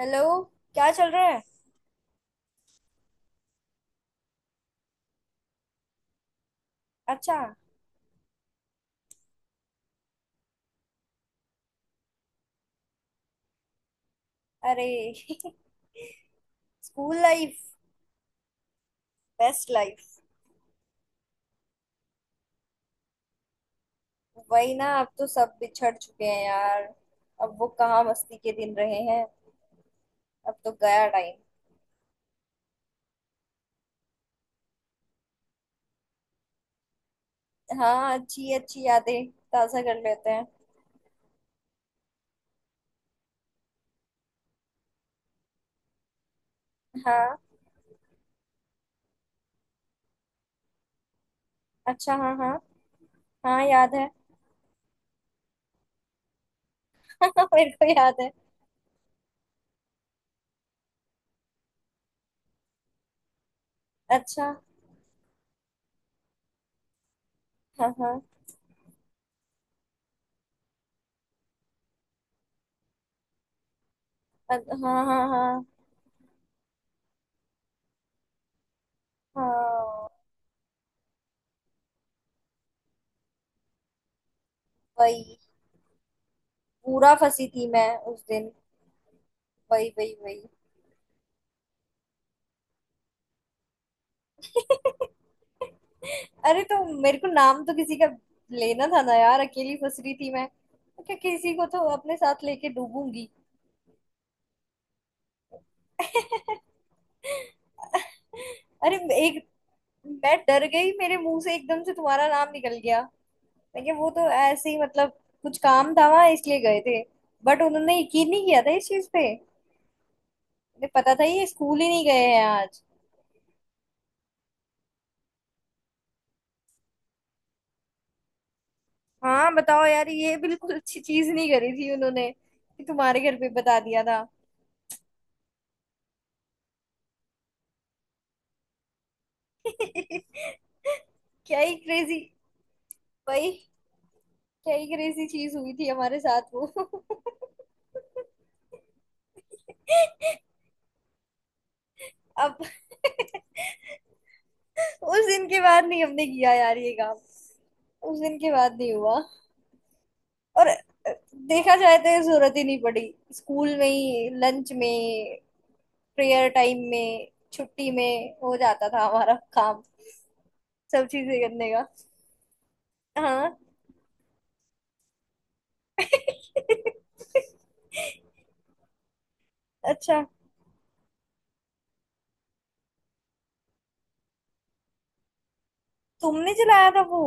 Hello. क्या चल रहा है? अच्छा। अरे स्कूल लाइफ बेस्ट लाइफ। वही ना, अब तो सब बिछड़ चुके हैं यार। अब वो कहाँ मस्ती के दिन रहे हैं। अब तो गया टाइम। हाँ, अच्छी अच्छी यादें ताजा कर लेते हैं। हाँ। अच्छा, हाँ हाँ। हाँ, याद है। मेरे को याद है। अच्छा, हाँ हाँ। हाँ हाँ हाँ हाँ। वही। पूरा फंसी थी मैं उस दिन। वही वही वही। अरे, तो मेरे को नाम तो किसी का लेना था ना यार। अकेली फंस रही थी मैं तो क्या, किसी को तो अपने साथ लेके डूबूंगी। अरे, एक, मैं डर गई, मेरे मुंह से एकदम से तुम्हारा नाम निकल गया। मैं क्या, वो तो ऐसे ही मतलब कुछ काम था वहां इसलिए गए थे। बट उन्होंने यकीन नहीं किया था इस चीज पे। उन्हें पता था ये स्कूल ही नहीं गए हैं आज। हाँ, बताओ यार, ये बिल्कुल अच्छी चीज नहीं करी थी उन्होंने कि तुम्हारे घर पे बता दिया था। क्या ही क्रेजी, भाई। क्या ही क्रेजी चीज हुई थी हमारे साथ वो। अब उस दिन के बाद नहीं हमने किया यार ये काम। उस दिन के बाद नहीं हुआ। और देखा जाए तो ये जरूरत ही नहीं पड़ी। स्कूल में ही, लंच में, प्रेयर टाइम में, छुट्टी में हो जाता था हमारा काम, सब चीजें करने का। हाँ। अच्छा, तुमने चलाया था वो।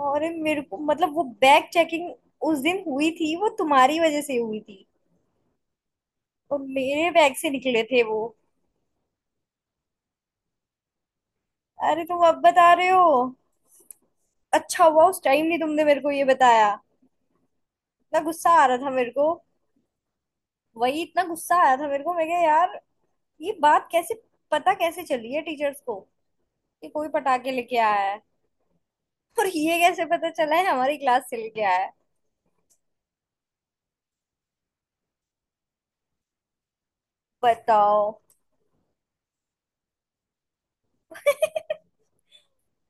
अरे मेरे को, मतलब, वो बैग चेकिंग उस दिन हुई थी, वो तुम्हारी वजह से हुई थी। और मेरे बैग से निकले थे वो। अरे तुम अब बता रहे हो। अच्छा हुआ उस टाइम नहीं तुमने मेरे को ये बताया। इतना गुस्सा आ रहा था मेरे को। वही, इतना गुस्सा आया था मेरे को, मैं क्या यार। ये बात कैसे, पता कैसे चली है टीचर्स को कि कोई पटाखे लेके आया है? और ये कैसे पता चला है हमारी क्लास से लेके आया है? बताओ।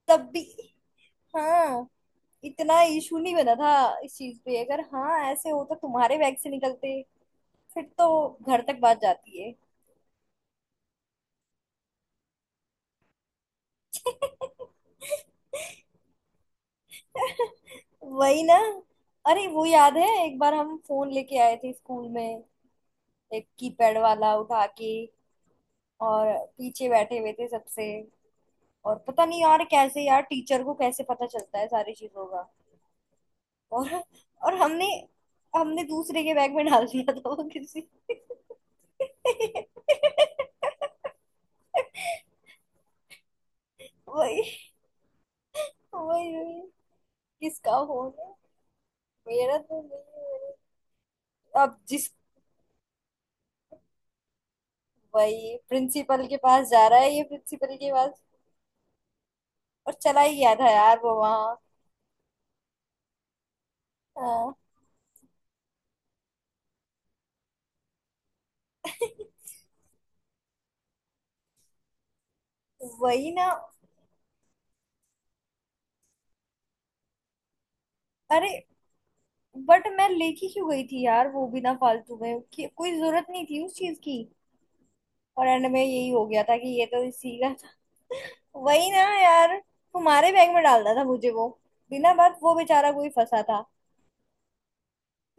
तब भी, हाँ, इतना इशू नहीं बना था इस चीज पे। अगर हाँ ऐसे हो तो तुम्हारे बैग से निकलते फिर तो घर तक बात जाती है। वही ना। अरे वो याद है, एक बार हम फोन लेके आए थे स्कूल में, एक कीपैड वाला उठा के। और पीछे बैठे हुए थे सबसे। और पता नहीं यार कैसे, यार टीचर को कैसे पता चलता है सारी चीजों का। और और हमने हमने दूसरे के बैग में डाल दिया था वो किसी। वही वही वही। किसका फोन है, मेरा तो नहीं है, अब जिस, वही प्रिंसिपल के पास जा रहा है, ये प्रिंसिपल के पास। और चला ही गया था यार वो वहां। हाँ। वही ना। अरे बट मैं लेके क्यों गई थी यार वो भी ना, फालतू में, कि कोई जरूरत नहीं थी उस चीज की। और एंड में यही हो गया था कि ये तो इसी का। वही ना यार, तुम्हारे बैग में डालना था मुझे वो। बिना बात वो बेचारा कोई फंसा था।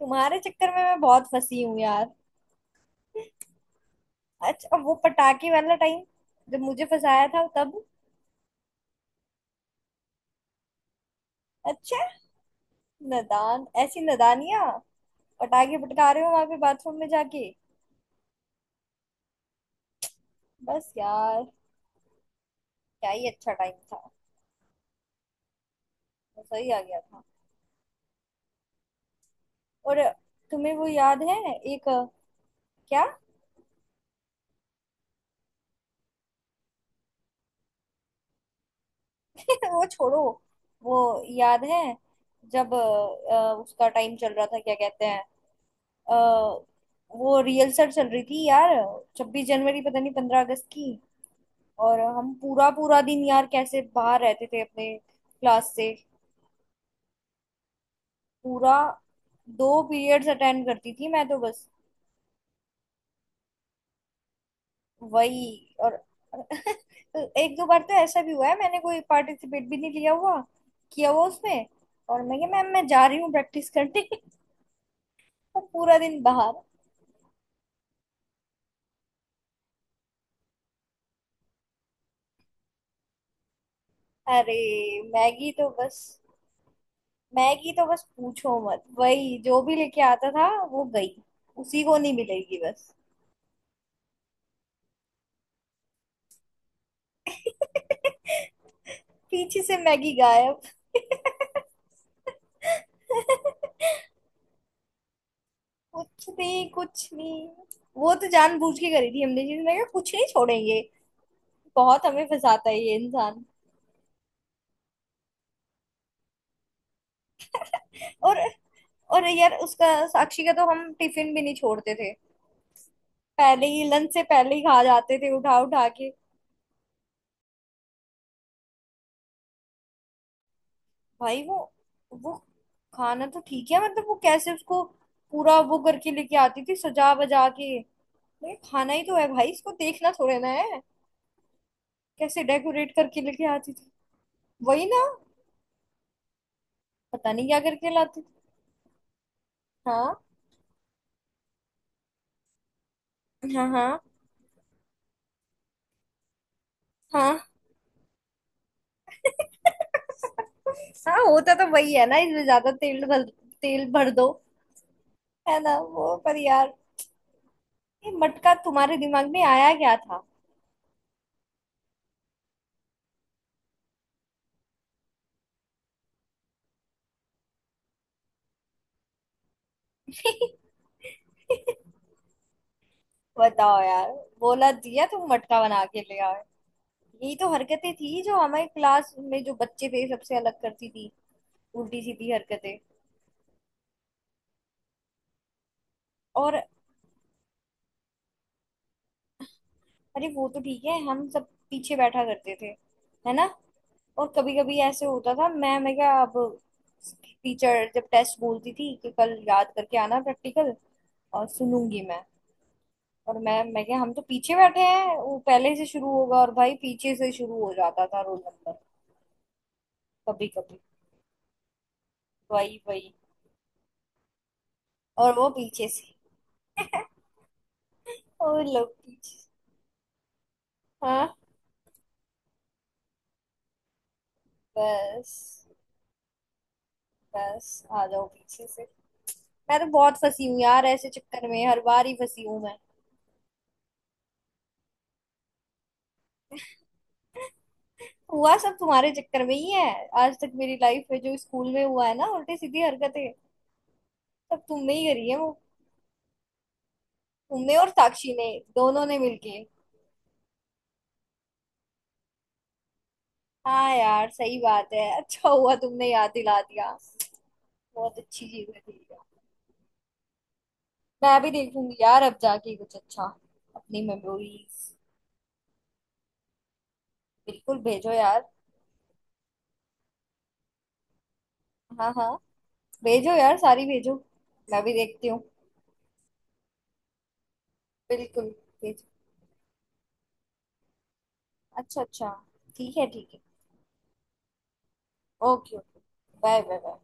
तुम्हारे चक्कर में मैं बहुत फंसी हूँ यार। अच्छा, वो पटाखे वाला टाइम जब मुझे फंसाया था तब। अच्छा। नादान, ऐसी नादानियां, पटाखे फटका रहे हो वहां पे बाथरूम में जाके। बस यार, क्या ही अच्छा टाइम था। मजा ही आ गया था। और तुम्हें वो याद है? एक, क्या? वो छोड़ो। वो याद है जब उसका टाइम चल रहा था, क्या कहते हैं, अ, वो रिहर्सल चल रही थी यार, 26 जनवरी पता नहीं 15 अगस्त की। और हम पूरा पूरा दिन यार कैसे बाहर रहते थे अपने क्लास से। पूरा 2 पीरियड्स अटेंड करती थी मैं तो बस। वही। और तो एक दो बार तो ऐसा भी हुआ है, मैंने कोई पार्टिसिपेट भी नहीं लिया हुआ, किया हुआ उसमें। और मैं क्या, मैम मैं जा रही हूँ प्रैक्टिस करने। और पूरा दिन बाहर। अरे मैगी तो बस। मैगी तो बस पूछो मत, वही जो भी लेके आता था वो गई, उसी को नहीं मिलेगी बस। पीछे से मैगी गायब। कुछ नहीं, कुछ नहीं। वो तो जानबूझ के करी थी हमने चीज, मैं कहा कुछ नहीं छोड़ेंगे, बहुत हमें फंसाता है ये इंसान। और और यार, उसका साक्षी का तो हम टिफिन भी नहीं छोड़ते थे। पहले ही लंच से पहले ही खा जाते थे उठा उठा के। भाई वो खाना तो ठीक है, मतलब वो कैसे उसको पूरा वो करके लेके आती थी सजा बजा के। नहीं, खाना ही तो है भाई, इसको देखना थोड़े ना है। कैसे डेकोरेट करके लेके आती थी। वही ना। पता नहीं क्या करके लाती थी। हाँ हाँ हाँ हाँ। हाँ, होता तो वही है ना, इसमें ज्यादा तेल भर, तेल भर दो। है ना वो, पर यार ये मटका तुम्हारे दिमाग में आया क्या था? बताओ यार, बोला दिया तो मटका बना के ले आए। यही तो हरकतें थी जो हमारे क्लास में जो बच्चे थे सबसे अलग करती थी, उल्टी सीधी हरकतें। और अरे वो तो ठीक है, हम सब पीछे बैठा करते थे, है ना। और कभी कभी ऐसे होता था, मैं क्या अब, टीचर जब टेस्ट बोलती थी कि कल याद करके आना, प्रैक्टिकल और सुनूंगी मैं। और मैं क्या, हम तो पीछे बैठे हैं, वो पहले से शुरू होगा और भाई पीछे से शुरू हो जाता था रोल नंबर कभी कभी। वही वही। और वो पीछे से और लोग पीछे से। हाँ, बस, बस आ जाओ पीछे से। मैं तो बहुत फंसी हूँ यार ऐसे चक्कर में, हर बार ही फंसी हूँ मैं। हुआ सब तुम्हारे चक्कर में ही है। आज तक मेरी लाइफ में जो स्कूल में हुआ है ना, उल्टी सीधी हरकतें, सब तुमने ही करी है वो। तुमने और साक्षी ने दोनों ने मिलके। हाँ यार, सही बात है, अच्छा हुआ तुमने याद दिला दिया। बहुत अच्छी चीज है। मैं भी देखूंगी यार, अब जाके कुछ अच्छा, अपनी मेमोरीज। बिल्कुल भेजो यार। हाँ हाँ, भेजो यार, सारी भेजो। मैं भी देखती हूँ। बिल्कुल भेजो। अच्छा अच्छा, ठीक है ठीक है। Okay okay. Bye bye bye.